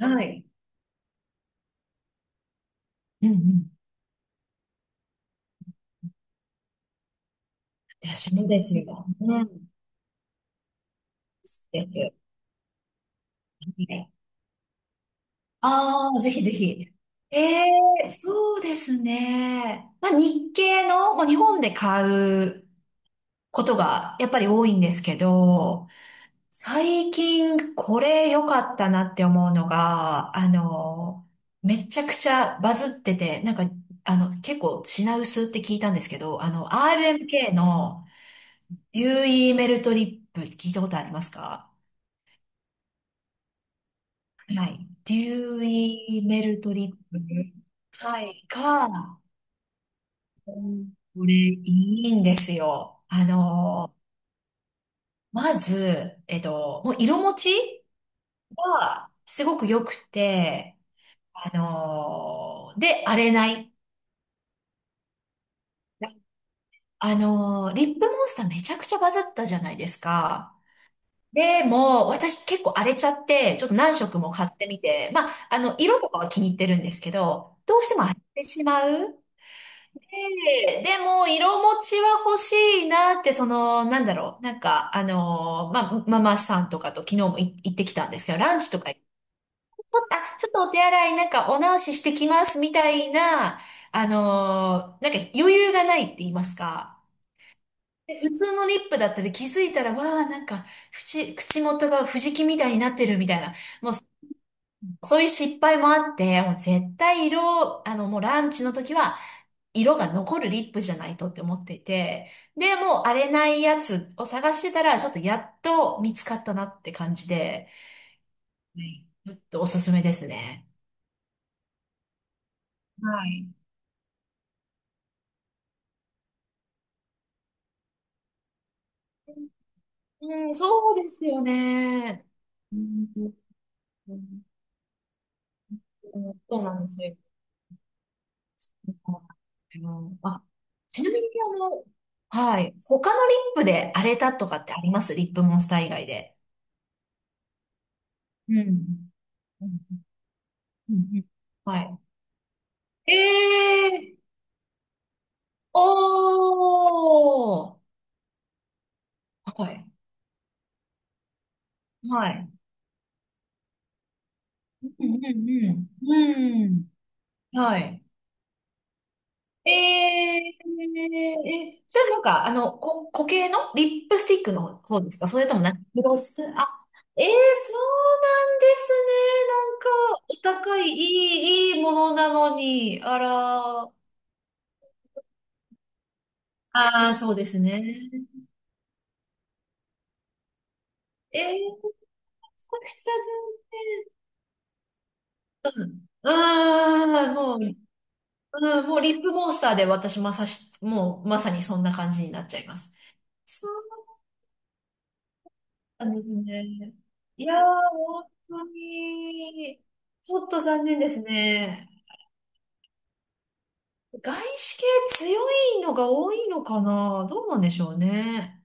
はい。うんうん。私もですよ。うん。です。はい。ああ、ぜひぜひ。ええ、そうですね。まあ、日系の、まあ、日本で買うことがやっぱり多いんですけど、最近これ良かったなって思うのが、めちゃくちゃバズってて、なんか、結構品薄って聞いたんですけど、RMK の UE メルトリップ聞いたことありますか？はい。デューイメルトリップ。はい。が、これいいんですよ。まず、もう色持ちがすごく良くて、で、荒れない。あのリップモンスターめちゃくちゃバズったじゃないですか。でも、私結構荒れちゃって、ちょっと何色も買ってみて、まあ、色とかは気に入ってるんですけど、どうしても荒れてしまう。で、でも、色持ちは欲しいなって、その、なんだろう、なんか、ママさんとかと昨日も行ってきたんですけど、ランチとか行って、ちょっとお手洗い、なんかお直ししてきます、みたいな、なんか余裕がないって言いますか。で普通のリップだったり気づいたら、わあ、なんか、口元が藤木みたいになってるみたいな。もうそういう失敗もあって、もう絶対色、もうランチの時は、色が残るリップじゃないとって思っていて、で、もう荒れないやつを探してたら、ちょっとやっと見つかったなって感じで、はい。ちょっとおすすめですね。はい。うん、そうですよね。うん。うんうん、そうなんですよ。あの、あちなみに、はい。他のリップで荒れたとかってあります？リップモンスター以外で。うん。うんうん、はい。ええ、おー、はい、はい。うんうんうん。うん。はい。えええ、それなんか、こ、固形のリップスティックの方ですか？それともなんか、グロス、あ、ええ、そうなんですね。なんか、お高い、いいものなのに、あら、ああ、そうですね。ええ、そうですね。うん。うーん、もう、うん、もうリップモンスターで私まさし、もうまさにそんな感じになっちゃいます。そうなんですね。いやー、本当に、ちょっと残念ですね。外資系強いのが多いのかな、どうなんでしょうね。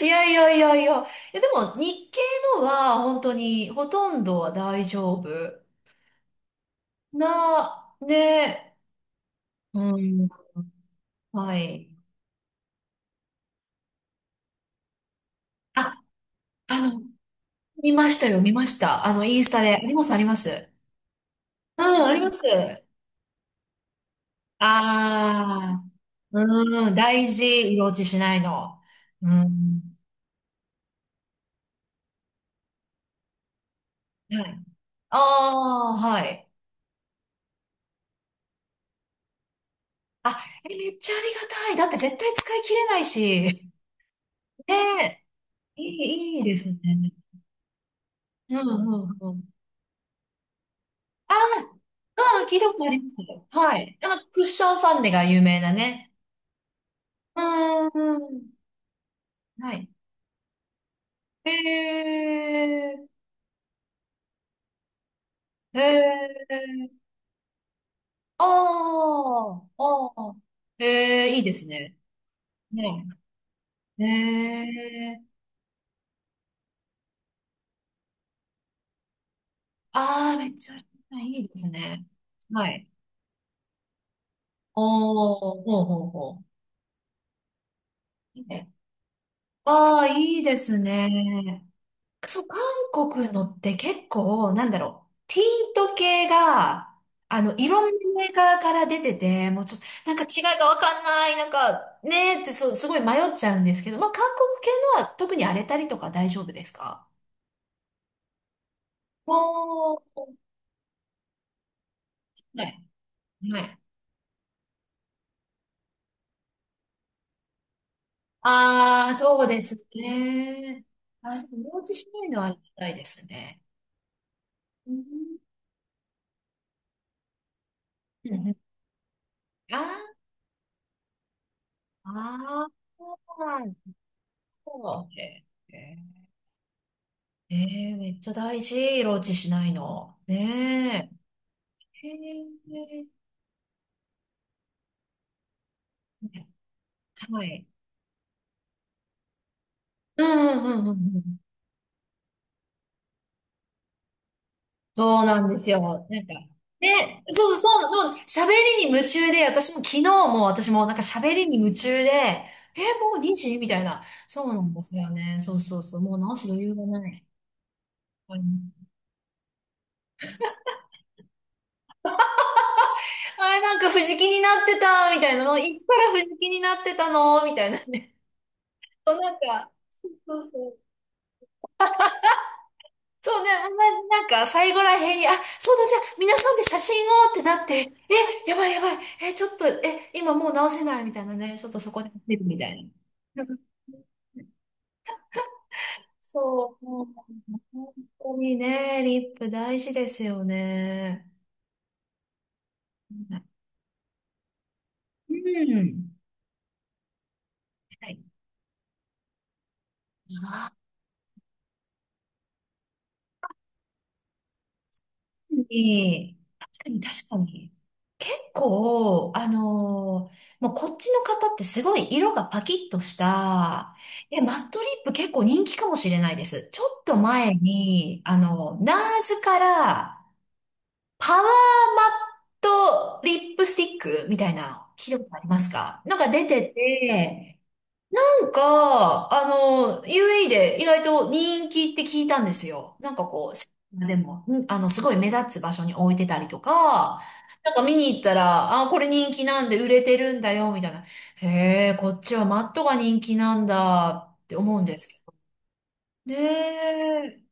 いやいやいやいや。いやでも日系のは本当にほとんどは大丈夫な、で、うん、はい。あ、あの、見ましたよ、見ました。インスタで。あります、あります。うん、あります。ああ、うん、大事、色落ちしないの。うん。はい。ああ、はい。あ、え、めっちゃありがたい。だって絶対使い切れないし。ねえ、いいですね。うん、うん、うん。ああ、うん、聞いたことありますよ。はい。あの、クッションファンデが有名なね。うん、うん。はい。へえ、へえ、ああ、ああ。へえ、いいですね。ねええああー、めっちゃいいですね。はい。おー、ほうほうほう。いいね。ああ、いいですね。そう、韓国のって結構、なんだろう。ティント系が、いろんなメーカーから出てて、もうちょっと、なんか違いがわかんない、なんか、ねーって、そう、すごい迷っちゃうんですけど、まあ、韓国系のは特に荒れたりとか大丈夫ですか？おー、はい。はい。ああ、そうですね。あ、でも、落しないのはありがたいですね。うん。うんうん、ああ、あー、そう。めっちゃ大事、ローチしないの。ねえ。へえ。はい。うんうんうんうん、そうなんですよ。なんか、で、そうそう、もう喋りに夢中で、私も昨日も、私もなんか喋りに夢中で、え、もう2時みたいな。そうなんですよね。そうそうそう。もう直す余裕がない。あります、あれ、なんか藤木になってた、みたいなの。いつから藤木になってたのみたいなね。そう、なんか、そうそうそう。そうね、なんか最後らへんに、あ、そうだ、じゃあ皆さんで写真をってなって、え、やばいやばい、え、ちょっと、え、今もう直せないみたいなね、ちょっとそこで見るみたいな。うん、そう、もう本当にね、リップ大事ですよね。うん。はい。確かに確かに。結構、もうこっちの方ってすごい色がパキッとした、え、マットリップ結構人気かもしれないです。ちょっと前に、ナーズからパワーマットリップスティックみたいな、聞いたことありますか？なんか出てて、なんか、UAE で意外と人気って聞いたんですよ。なんかこう、でも、うんすごい目立つ場所に置いてたりとか、なんか見に行ったら、あ、これ人気なんで売れてるんだよ、みたいな。へえ、こっちはマットが人気なんだって思うんですけど。ねえ。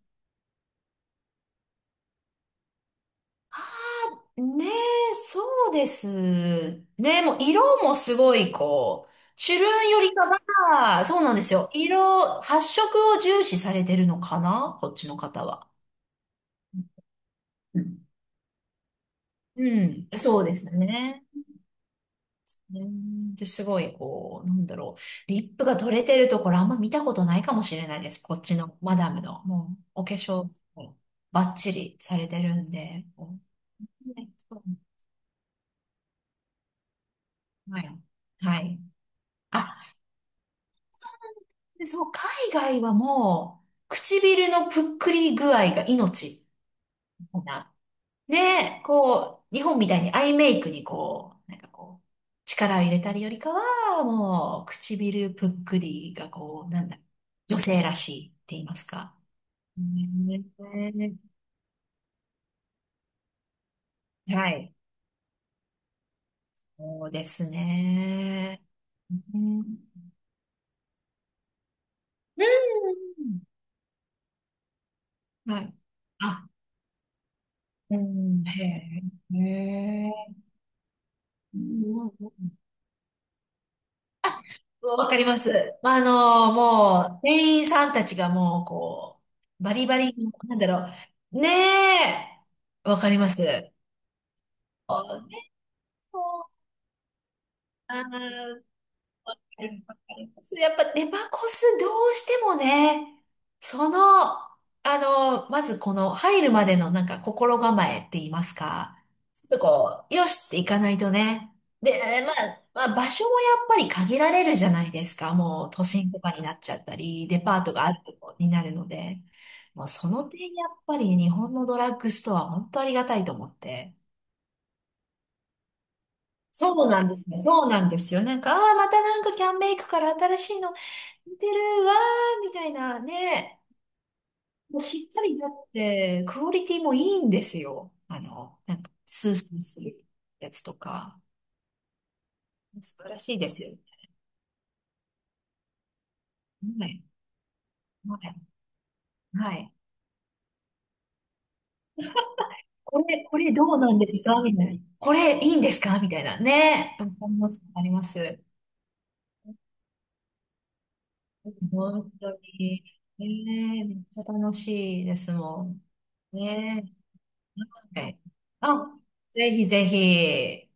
はねえ、そうですね。もう色もすごいこう、チュルンよりかは、そうなんですよ。発色を重視されてるのかな、こっちの方は。うんうん、そうですね。うんで、すごいこう、なんだろう。リップが取れてるところあんま見たことないかもしれないです。こっちのマダムの。もう、お化粧、バッチリされてるんで。こうね、そう、はい。はい。あ、で、そう、海外はもう、唇のぷっくり具合が命みたいな。ねこう、日本みたいにアイメイクにこう、なんかこう、力を入れたりよりかは、もう、唇ぷっくりがこう、なんだ、女性らしいって言いますか。ね、はい。そうですね。うん。うん、はい。あ、うん、へえ。へえ。うん、わかります。まあ、もう、店員さんたちがもう、こう、バリバリ、なんだろう。ねえ、わかります。あーやっぱデパコスどうしてもね、その、まずこの入るまでのなんか心構えって言いますか、ちょっとこう、よしっていかないとね。で、まあ、まあ場所もやっぱり限られるじゃないですか。もう都心とかになっちゃったり、デパートがあるとこになるので、もうその点やっぱりね日本のドラッグストア本当ありがたいと思って。そうなんですね。そうなんですよ。なんか、ああ、またなんかキャンメイクから新しいの似てるわー、みたいなね。もうしっかりだって、クオリティもいいんですよ。なんか、スースーするやつとか。素晴らしいですよね。はい。はい。はい。これどうなんですかみたいな。これいいんですかみたいな。ね。あります。あります。本当に。ねえ、めっちゃ楽しいですもん。ねえ。はい。あ、ぜひぜひ。